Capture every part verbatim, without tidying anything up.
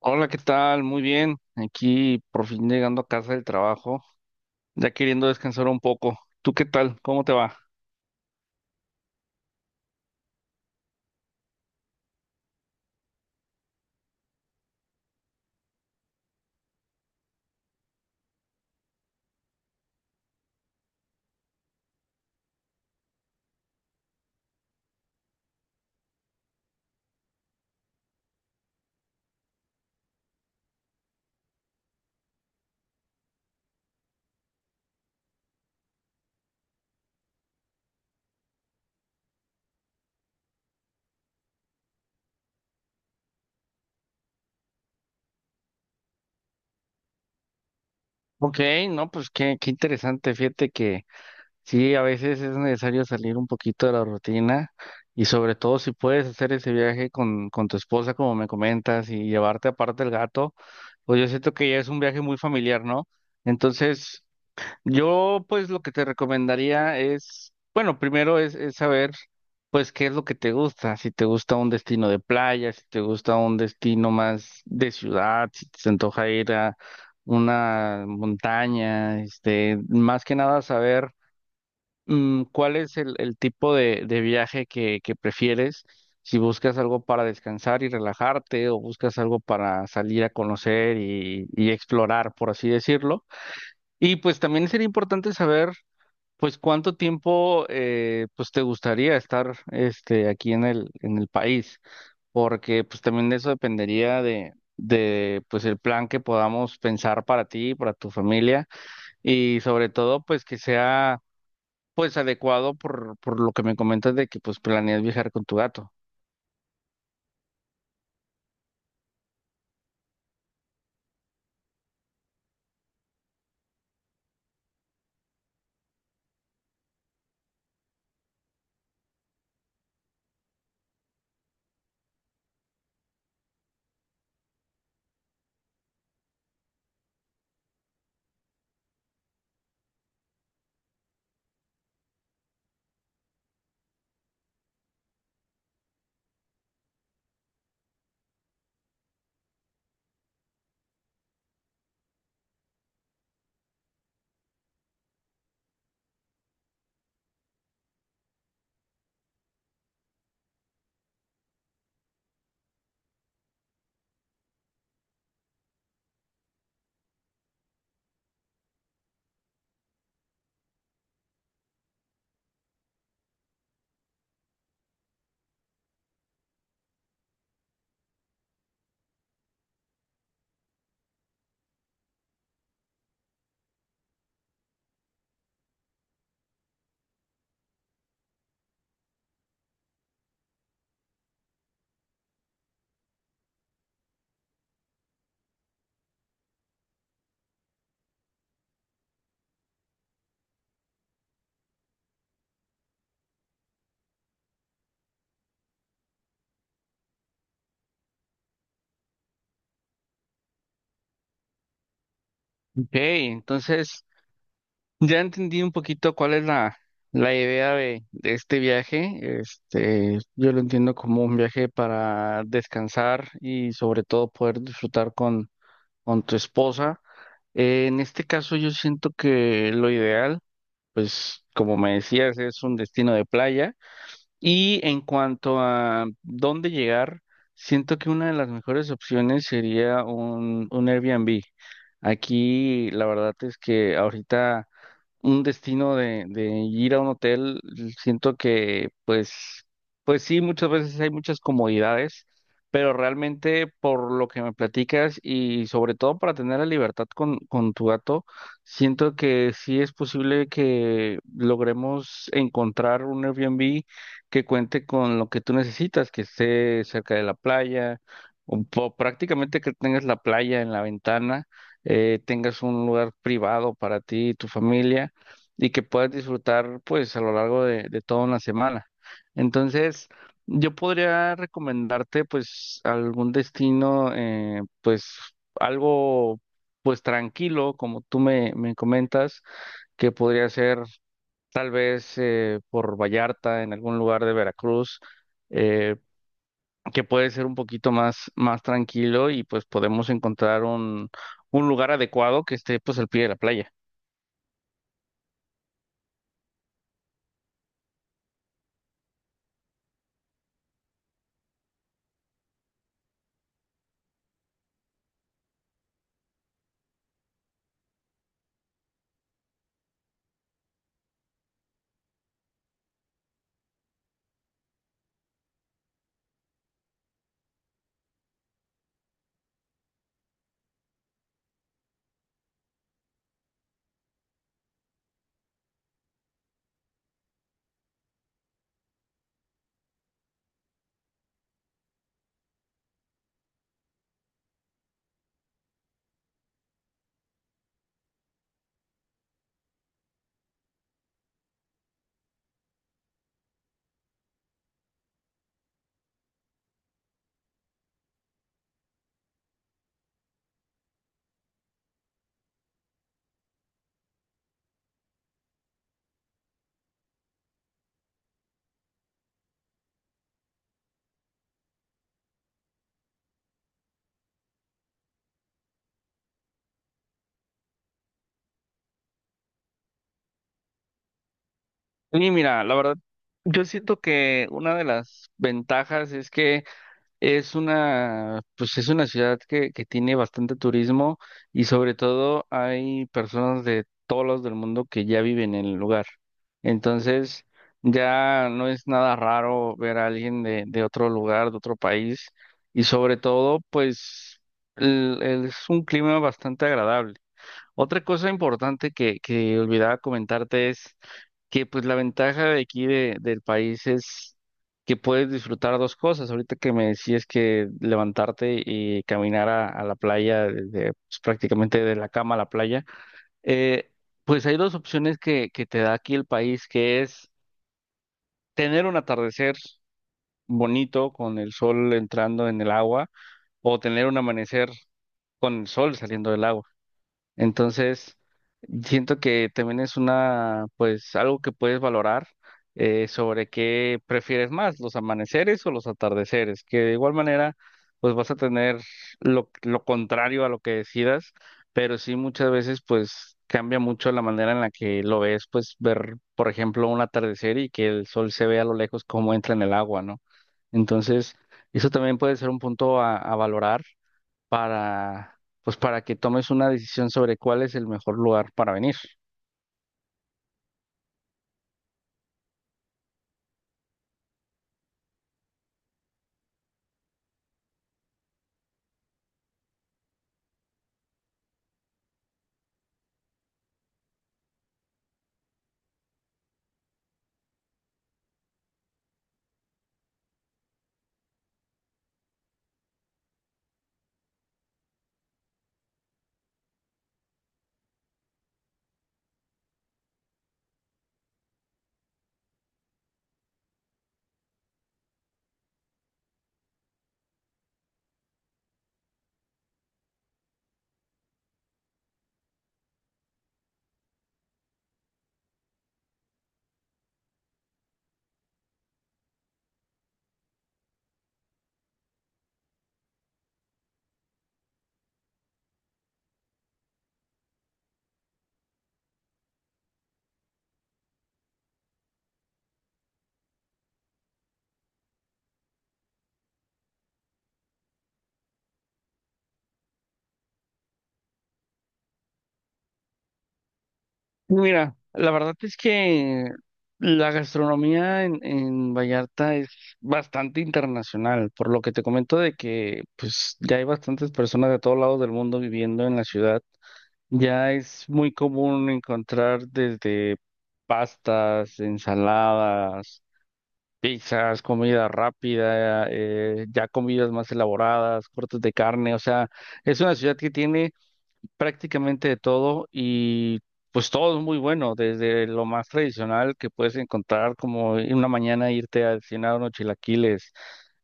Hola, ¿qué tal? Muy bien. Aquí por fin llegando a casa del trabajo, ya queriendo descansar un poco. ¿Tú qué tal? ¿Cómo te va? Ok, no, pues qué, qué interesante. Fíjate que sí, a veces es necesario salir un poquito de la rutina y sobre todo si puedes hacer ese viaje con, con tu esposa, como me comentas, y llevarte aparte el gato, pues yo siento que ya es un viaje muy familiar, ¿no? Entonces, yo, pues, lo que te recomendaría es, bueno, primero es, es saber, pues, qué es lo que te gusta. Si te gusta un destino de playa, si te gusta un destino más de ciudad, si te antoja ir a una montaña, este, más que nada saber mm, cuál es el, el tipo de, de viaje que, que prefieres. Si buscas algo para descansar y relajarte, o buscas algo para salir a conocer y y explorar, por así decirlo. Y pues también sería importante saber. Pues cuánto tiempo eh, pues te gustaría estar este aquí en el en el país, porque pues también de eso dependería de de pues el plan que podamos pensar para ti, para tu familia y sobre todo pues que sea pues adecuado por por lo que me comentas de que pues planeas viajar con tu gato. Ok, entonces ya entendí un poquito cuál es la, la idea de, de este viaje. Este, yo lo entiendo como un viaje para descansar y sobre todo poder disfrutar con, con tu esposa. Eh, en este caso yo siento que lo ideal, pues como me decías, es un destino de playa. Y en cuanto a dónde llegar, siento que una de las mejores opciones sería un, un Airbnb. Aquí la verdad es que ahorita un destino de, de ir a un hotel, siento que pues sí, muchas veces hay muchas comodidades, pero realmente por lo que me platicas y sobre todo para tener la libertad con, con tu gato, siento que sí es posible que logremos encontrar un Airbnb que cuente con lo que tú necesitas, que esté cerca de la playa, o, po- prácticamente que tengas la playa en la ventana, eh, tengas un lugar privado para ti y tu familia y que puedas disfrutar pues a lo largo de de toda una semana. Entonces, yo podría recomendarte pues algún destino, eh, pues algo pues tranquilo, como tú me, me comentas, que podría ser tal vez eh, por Vallarta, en algún lugar de Veracruz, eh, que puede ser un poquito más, más tranquilo y pues podemos encontrar un, un lugar adecuado que esté pues al pie de la playa. Y mira, la verdad, yo siento que una de las ventajas es que es una, pues es una ciudad que, que tiene bastante turismo y sobre todo hay personas de todos lados del mundo que ya viven en el lugar. Entonces, ya no es nada raro ver a alguien de, de otro lugar, de otro país y sobre todo, pues el- el- es un clima bastante agradable. Otra cosa importante que, que olvidaba comentarte es que pues la ventaja de aquí de, del país es que puedes disfrutar dos cosas. Ahorita que me decías que levantarte y caminar a, a la playa, desde, pues, prácticamente de la cama a la playa, eh, pues hay dos opciones que, que te da aquí el país, que es tener un atardecer bonito con el sol entrando en el agua o tener un amanecer con el sol saliendo del agua. Entonces, siento que también es una, pues, algo que puedes valorar eh, sobre qué prefieres más, los amaneceres o los atardeceres, que de igual manera, pues vas a tener lo, lo contrario a lo que decidas, pero sí muchas veces, pues, cambia mucho la manera en la que lo ves, pues, ver, por ejemplo, un atardecer y que el sol se ve a lo lejos cómo entra en el agua, ¿no? Entonces, eso también puede ser un punto a, a valorar para, pues para que tomes una decisión sobre cuál es el mejor lugar para venir. Mira, la verdad es que la gastronomía en, en Vallarta es bastante internacional, por lo que te comento de que pues ya hay bastantes personas de todos lados del mundo viviendo en la ciudad. Ya es muy común encontrar desde pastas, ensaladas, pizzas, comida rápida, eh, ya comidas más elaboradas, cortes de carne, o sea, es una ciudad que tiene prácticamente de todo y pues todo es muy bueno, desde lo más tradicional que puedes encontrar, como en una mañana irte a cenar unos chilaquiles,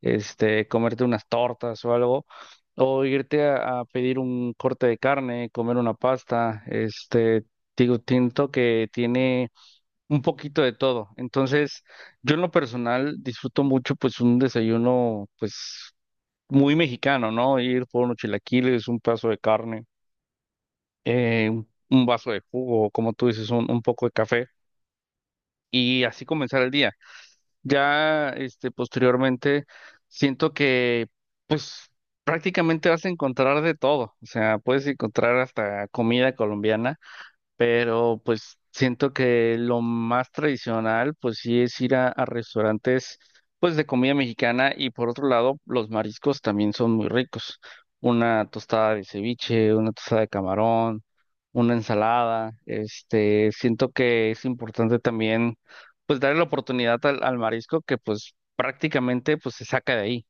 este, comerte unas tortas o algo, o irte a, a pedir un corte de carne, comer una pasta, este, digo, siento que tiene un poquito de todo. Entonces, yo en lo personal disfruto mucho pues un desayuno pues muy mexicano, ¿no? Ir por unos chilaquiles, un pedazo de carne, eh, un un vaso de jugo, o como tú dices, un, un poco de café y así comenzar el día. Ya este posteriormente siento que pues prácticamente vas a encontrar de todo, o sea, puedes encontrar hasta comida colombiana, pero pues siento que lo más tradicional pues sí es ir a, a restaurantes pues de comida mexicana y por otro lado los mariscos también son muy ricos. Una tostada de ceviche, una tostada de camarón, una ensalada, este, siento que es importante también pues darle la oportunidad al, al marisco que pues prácticamente pues se saca de ahí.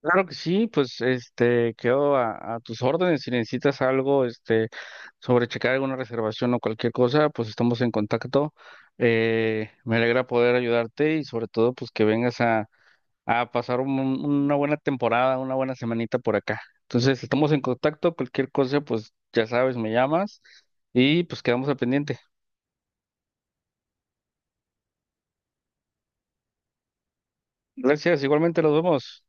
Claro que sí, pues este quedo a, a tus órdenes. Si necesitas algo, este, sobre checar alguna reservación o cualquier cosa, pues estamos en contacto. Eh, me alegra poder ayudarte y sobre todo, pues que vengas a, a pasar un- una buena temporada, una buena semanita por acá. Entonces, estamos en contacto, cualquier cosa, pues ya sabes, me llamas y pues quedamos al pendiente. Gracias, igualmente nos vemos.